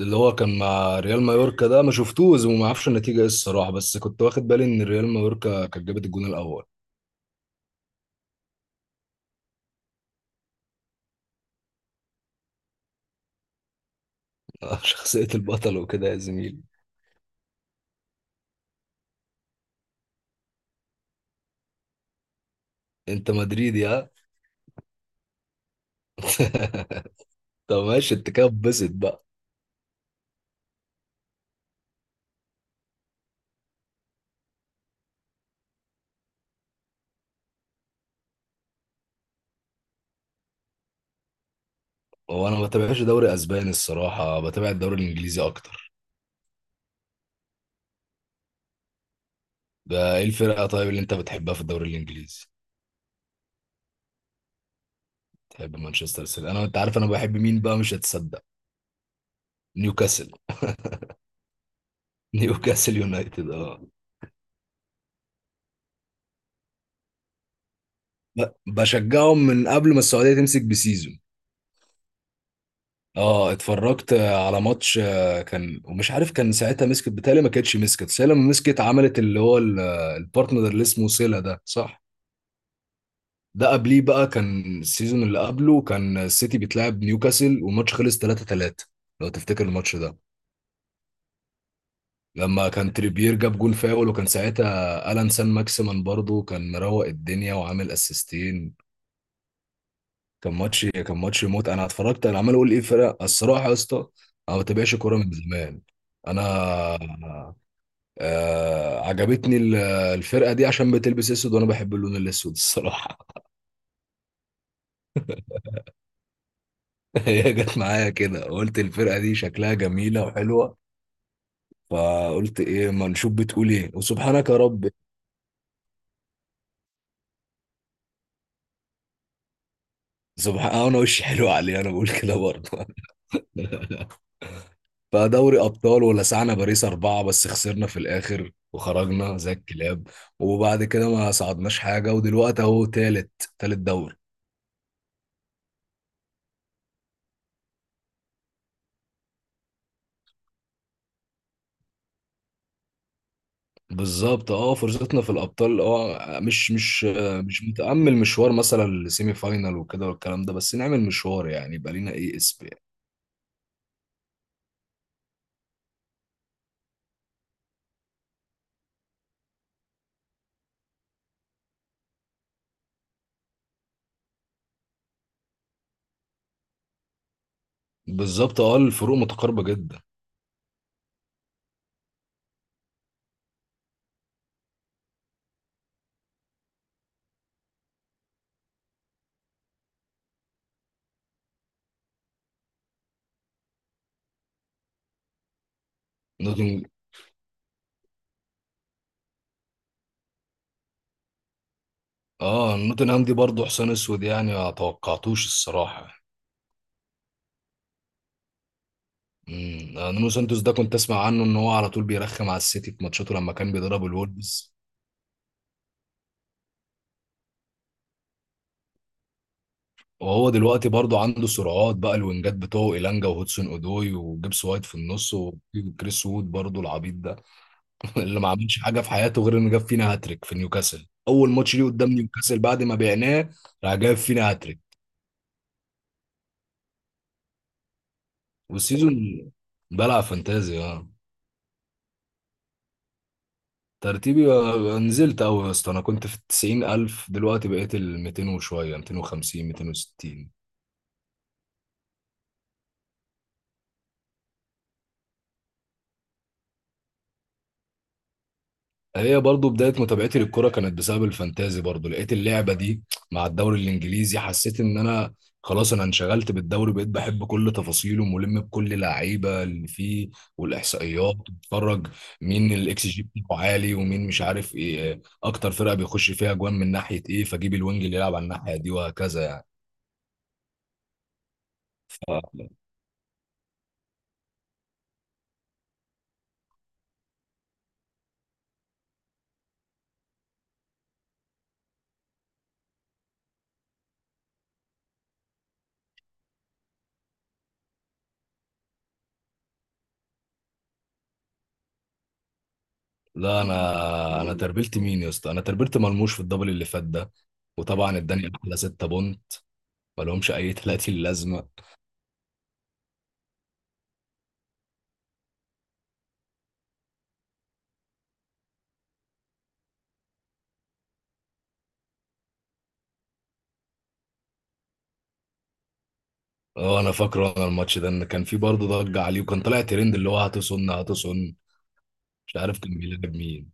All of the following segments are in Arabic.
اللي هو كان مع ريال مايوركا ده ما شفتوش وما اعرفش النتيجه ايه الصراحه، بس كنت واخد بالي ان ريال مايوركا كانت جابت الجون الاول. شخصيه البطل وكده يا زميلي. انت مدريدي ها؟ طب ماشي، انت كده اتبسط بقى. هو انا ما بتابعش دوري اسباني الصراحه، بتابع الدوري الانجليزي اكتر. ده ايه الفرقه طيب اللي انت بتحبها في الدوري الانجليزي؟ تحب مانشستر سيتي. انا انت عارف انا بحب مين بقى؟ مش هتصدق. نيوكاسل. نيوكاسل يونايتد اه. بشجعهم من قبل ما السعوديه تمسك بسيزون. اه، اتفرجت على ماتش كان، ومش عارف كان ساعتها مسكت، بتهيألي ما كانتش مسكت، بس هي لما مسكت عملت البارتنر اللي اسمه سيلا ده، صح؟ ده قبليه بقى، كان السيزون اللي قبله كان السيتي بيتلعب نيوكاسل، والماتش خلص 3-3. لو تفتكر الماتش ده، لما كان تريبير جاب جول فاول، وكان ساعتها الان سان ماكسيمان برضه كان مروق الدنيا وعامل اسيستين. كان ماتش موت. انا اتفرجت، انا عمال اقول ايه فرق الصراحه يا اسطى. انا ما بتابعش كوره من زمان. انا عجبتني الفرقة دي عشان بتلبس اسود، وانا بحب اللون الاسود الصراحة. هي جت معايا كده، قلت الفرقة دي شكلها جميلة وحلوة، فقلت ايه، ما نشوف بتقول ايه، وسبحانك يا رب. سبحان آه، انا وشي حلو عليه، انا بقول كده برضه. فدوري ابطال ولسعنا باريس 4، بس خسرنا في الاخر وخرجنا زي الكلاب. وبعد كده ما صعدناش حاجة، ودلوقتي اهو تالت، تالت دوري. بالظبط اه، فرصتنا في الابطال اه، مش متامل مشوار مثلا لسيمي فاينال وكده والكلام ده، بس نعمل مشوار يعني يبقى لينا ايه اسم يعني. بالظبط اه، الفروق متقاربه جدا. نوتنج اه، نوتنهام دي برضه حسين اسود يعني، ما توقعتوش الصراحه. نونو سانتوس ده كنت اسمع عنه ان هو على طول بيرخم على السيتي في ماتشاته لما كان بيدرب الولفز. وهو دلوقتي برضه عنده سرعات بقى، الوينجات بتوعه إيلانجا وهودسون اودوي وجيبس وايت في النص، وكريس وود برضه العبيط ده. اللي ما عملش حاجه في حياته غير انه جاب فينا هاتريك في نيوكاسل اول ماتش ليه قدام نيوكاسل بعد ما بعناه. راح جاب فينا هاتريك. والسيزون. بلعب فانتازي اه. ترتيبي نزلت قوي يا اسطى، انا كنت في التسعين الف، دلوقتي بقيت ال 200 وشويه، 250، 260. هي برضو بداية متابعتي للكرة كانت بسبب الفانتازي، برضو لقيت اللعبة دي مع الدوري الإنجليزي، حسيت إن أنا خلاص أنا انشغلت بالدوري، بقيت بحب كل تفاصيله، ملم بكل لعيبة اللي فيه والإحصائيات. بتفرج مين الإكس جي بتاعه عالي، ومين مش عارف إيه، أكتر فرقة بيخش فيها أجوان من ناحية إيه، فجيب الوينج اللي يلعب على الناحية دي، وهكذا يعني. لا أنا تربلت مين يا اسطى، أنا تربلت مرموش في الدبل اللي فات ده. وطبعا اداني احلى 6 بونت، ملهمش اي 30 لازمه. اه، انا فاكره انا الماتش ده، ان كان في برضه ضجه عليه، وكان طالع ترند اللي هو هتصن هتصن. مش عارف كان بيلعب مين.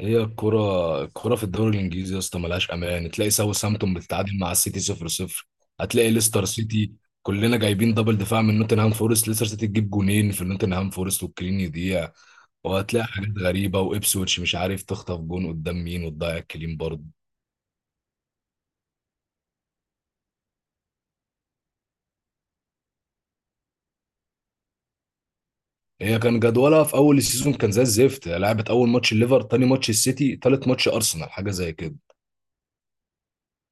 هي الكرة في الدوري الانجليزي يا اسطى ملهاش امان، تلاقي ساوثهامبتون بتتعادل مع السيتي 0-0. هتلاقي ليستر سيتي، كلنا جايبين دبل دفاع من نوتنهام فورست، ليستر سيتي تجيب جونين في نوتنهام فورست والكلين يضيع. وهتلاقي حاجات غريبة، وابسويتش مش عارف تخطف جون قدام مين وتضيع الكلين برضه. هي كان جدولها في اول السيزون كان زي الزفت، لعبت اول ماتش الليفر، تاني ماتش السيتي، تالت ماتش ارسنال، حاجة زي كده.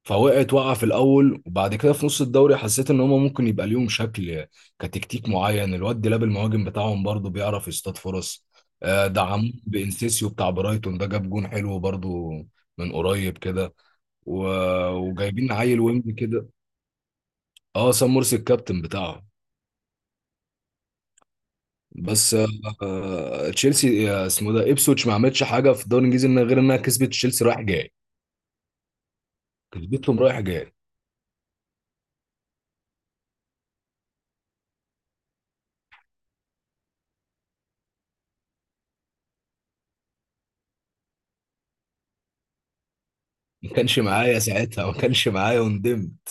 فوقعت، وقع في الاول، وبعد كده في نص الدوري حسيت ان هما ممكن يبقى ليهم شكل كتكتيك معين. الواد ديلاب المهاجم بتاعهم برضو بيعرف يصطاد فرص. دعموه بانسيسيو بتاع برايتون ده، جاب جون حلو برضو من قريب كده. وجايبين عيل وينج كده. اه سام مرسي الكابتن بتاعهم. بس تشيلسي، اسمه ده ابسوتش، ما عملتش حاجه في الدوري الانجليزي غير انها كسبت تشيلسي رايح جاي، كسبتهم رايح جاي. ما كانش معايا ساعتها، ما كانش معايا وندمت.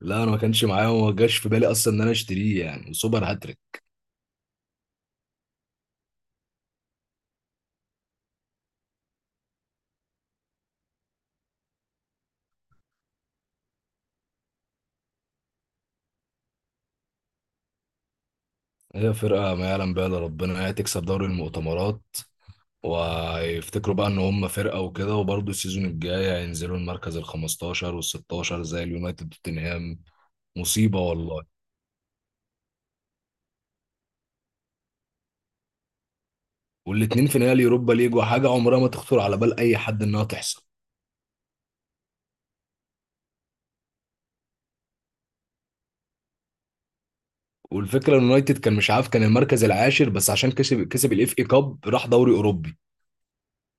لا انا ما كانش معايا وما جاش في بالي اصلا ان انا اشتريه، يعني سوبر هاتريك. هي فرقه ما يعلم بها الا ربنا، هي تكسب دوري المؤتمرات ويفتكروا بقى ان هم فرقه وكده، وبرضه السيزون الجاي هينزلوا المركز ال 15 وال 16 زي اليونايتد وتوتنهام. مصيبه والله. والاتنين في نهائي اليوروبا ليج، وحاجه عمرها ما تخطر على بال اي حد انها تحصل. والفكره ان اليونايتد كان مش عارف، كان المركز العاشر، بس عشان كسب الاف اي كاب راح دوري اوروبي،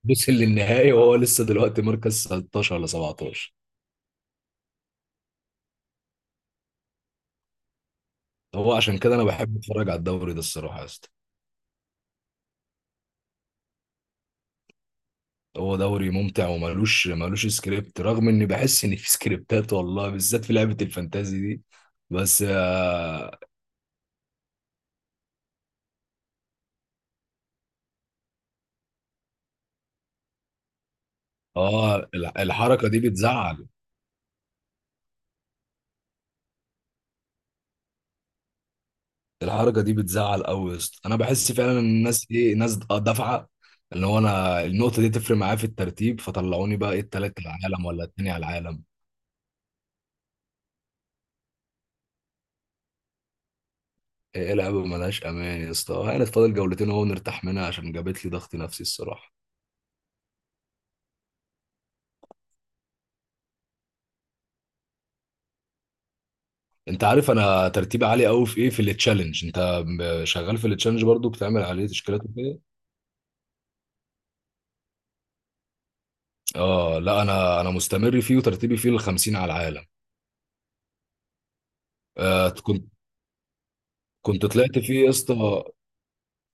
وصل للنهائي، وهو لسه دلوقتي مركز 16 ولا 17. هو عشان كده انا بحب اتفرج على الدوري ده الصراحه يا اسطى. هو دوري ممتع، وملوش سكريبت، رغم اني بحس ان في سكريبتات والله، بالذات في لعبه الفانتازي دي. بس اه، الحركه دي بتزعل. الحركه دي بتزعل قوي يا اسطى، انا بحس فعلا ان الناس ايه، ناس دافعه، ان هو انا النقطه دي تفرق معايا في الترتيب، فطلعوني بقى ايه التالت على العالم، ولا التاني على العالم. ايه لعبه ملهاش امان يا اسطى، هانت فاضل جولتين اهو نرتاح منها، عشان جابت لي ضغط نفسي الصراحه. انت عارف انا ترتيبي عالي قوي في ايه، في التشالنج. شغال في التشالنج برضو، بتعمل عليه تشكيلات وكده؟ اه لا انا مستمر فيه، وترتيبي فيه الخمسين على العالم. آه كنت، كنت طلعت فيه يا اسطى.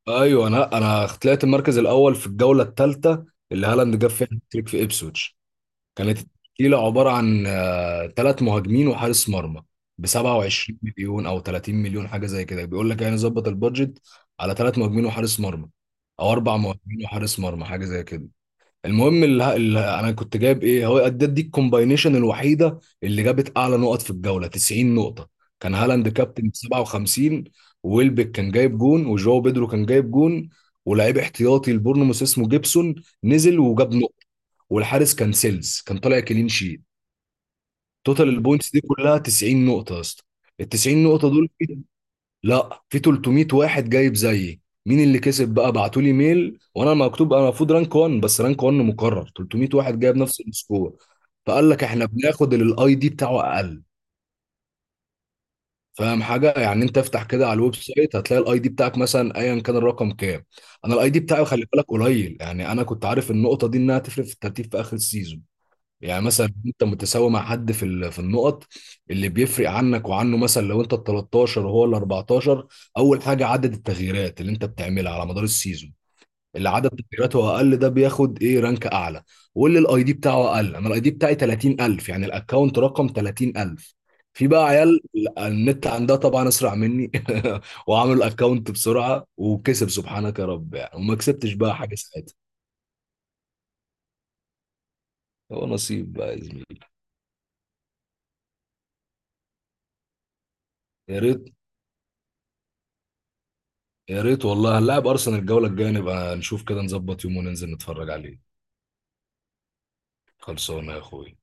ايوه انا طلعت المركز الاول في الجوله الثالثه، اللي هالاند جاب فيها هاتريك في ابسويتش. كانت التشكيله عباره عن 3 مهاجمين وحارس مرمى ب 27 مليون او 30 مليون، حاجه زي كده، بيقول لك يعني ظبط البادجت على ثلاث مهاجمين وحارس مرمى، او 4 مهاجمين وحارس مرمى، حاجه زي كده. المهم اللي انا كنت جايب ايه، هو ادت دي الكومباينيشن الوحيده اللي جابت اعلى نقط في الجوله، 90 نقطه. كان هالاند كابتن ب 57. ويلبك كان جايب جون، وجواو بيدرو كان جايب جون، ولاعيب احتياطي البورنموث اسمه جيبسون نزل وجاب نقطه، والحارس كان سيلز كان طالع كلين شيت. توتال البوينتس دي كلها 90 نقطه يا اسطى، ال 90 نقطه دول. لا، في 300 واحد جايب زيي، مين اللي كسب بقى؟ بعتوا لي ميل وانا مكتوب، انا المفروض رانك 1، بس رانك 1 مكرر 300 واحد جايب نفس السكور. فقال لك احنا بناخد اللي الاي دي بتاعه اقل. فاهم حاجه يعني، انت افتح كده على الويب سايت هتلاقي الاي دي بتاعك مثلا ايا كان الرقم كام. انا الاي دي بتاعي خلي بالك قليل، يعني انا كنت عارف النقطه دي انها تفرق في الترتيب في اخر السيزون. يعني مثلا انت متساوي مع حد في في النقط، اللي بيفرق عنك وعنه مثلا لو انت ال 13 وهو ال 14، اول حاجه عدد التغييرات اللي انت بتعملها على مدار السيزون، اللي عدد تغييراته اقل ده بياخد ايه رانك اعلى. واللي الاي دي بتاعه اقل، انا الاي دي بتاعي 30000، يعني الاكونت رقم 30000. في بقى عيال النت عندها طبعا اسرع مني. وعملوا الاكونت بسرعه وكسب، سبحانك يا رب يعني، وما كسبتش بقى حاجه ساعتها. هو نصيب بقى يا زميلي. يا ريت. يا ريت والله، هنلاعب ارسنال الجوله الجايه، نبقى نشوف كده، نظبط يوم وننزل نتفرج عليه. خلصانه يا اخوي.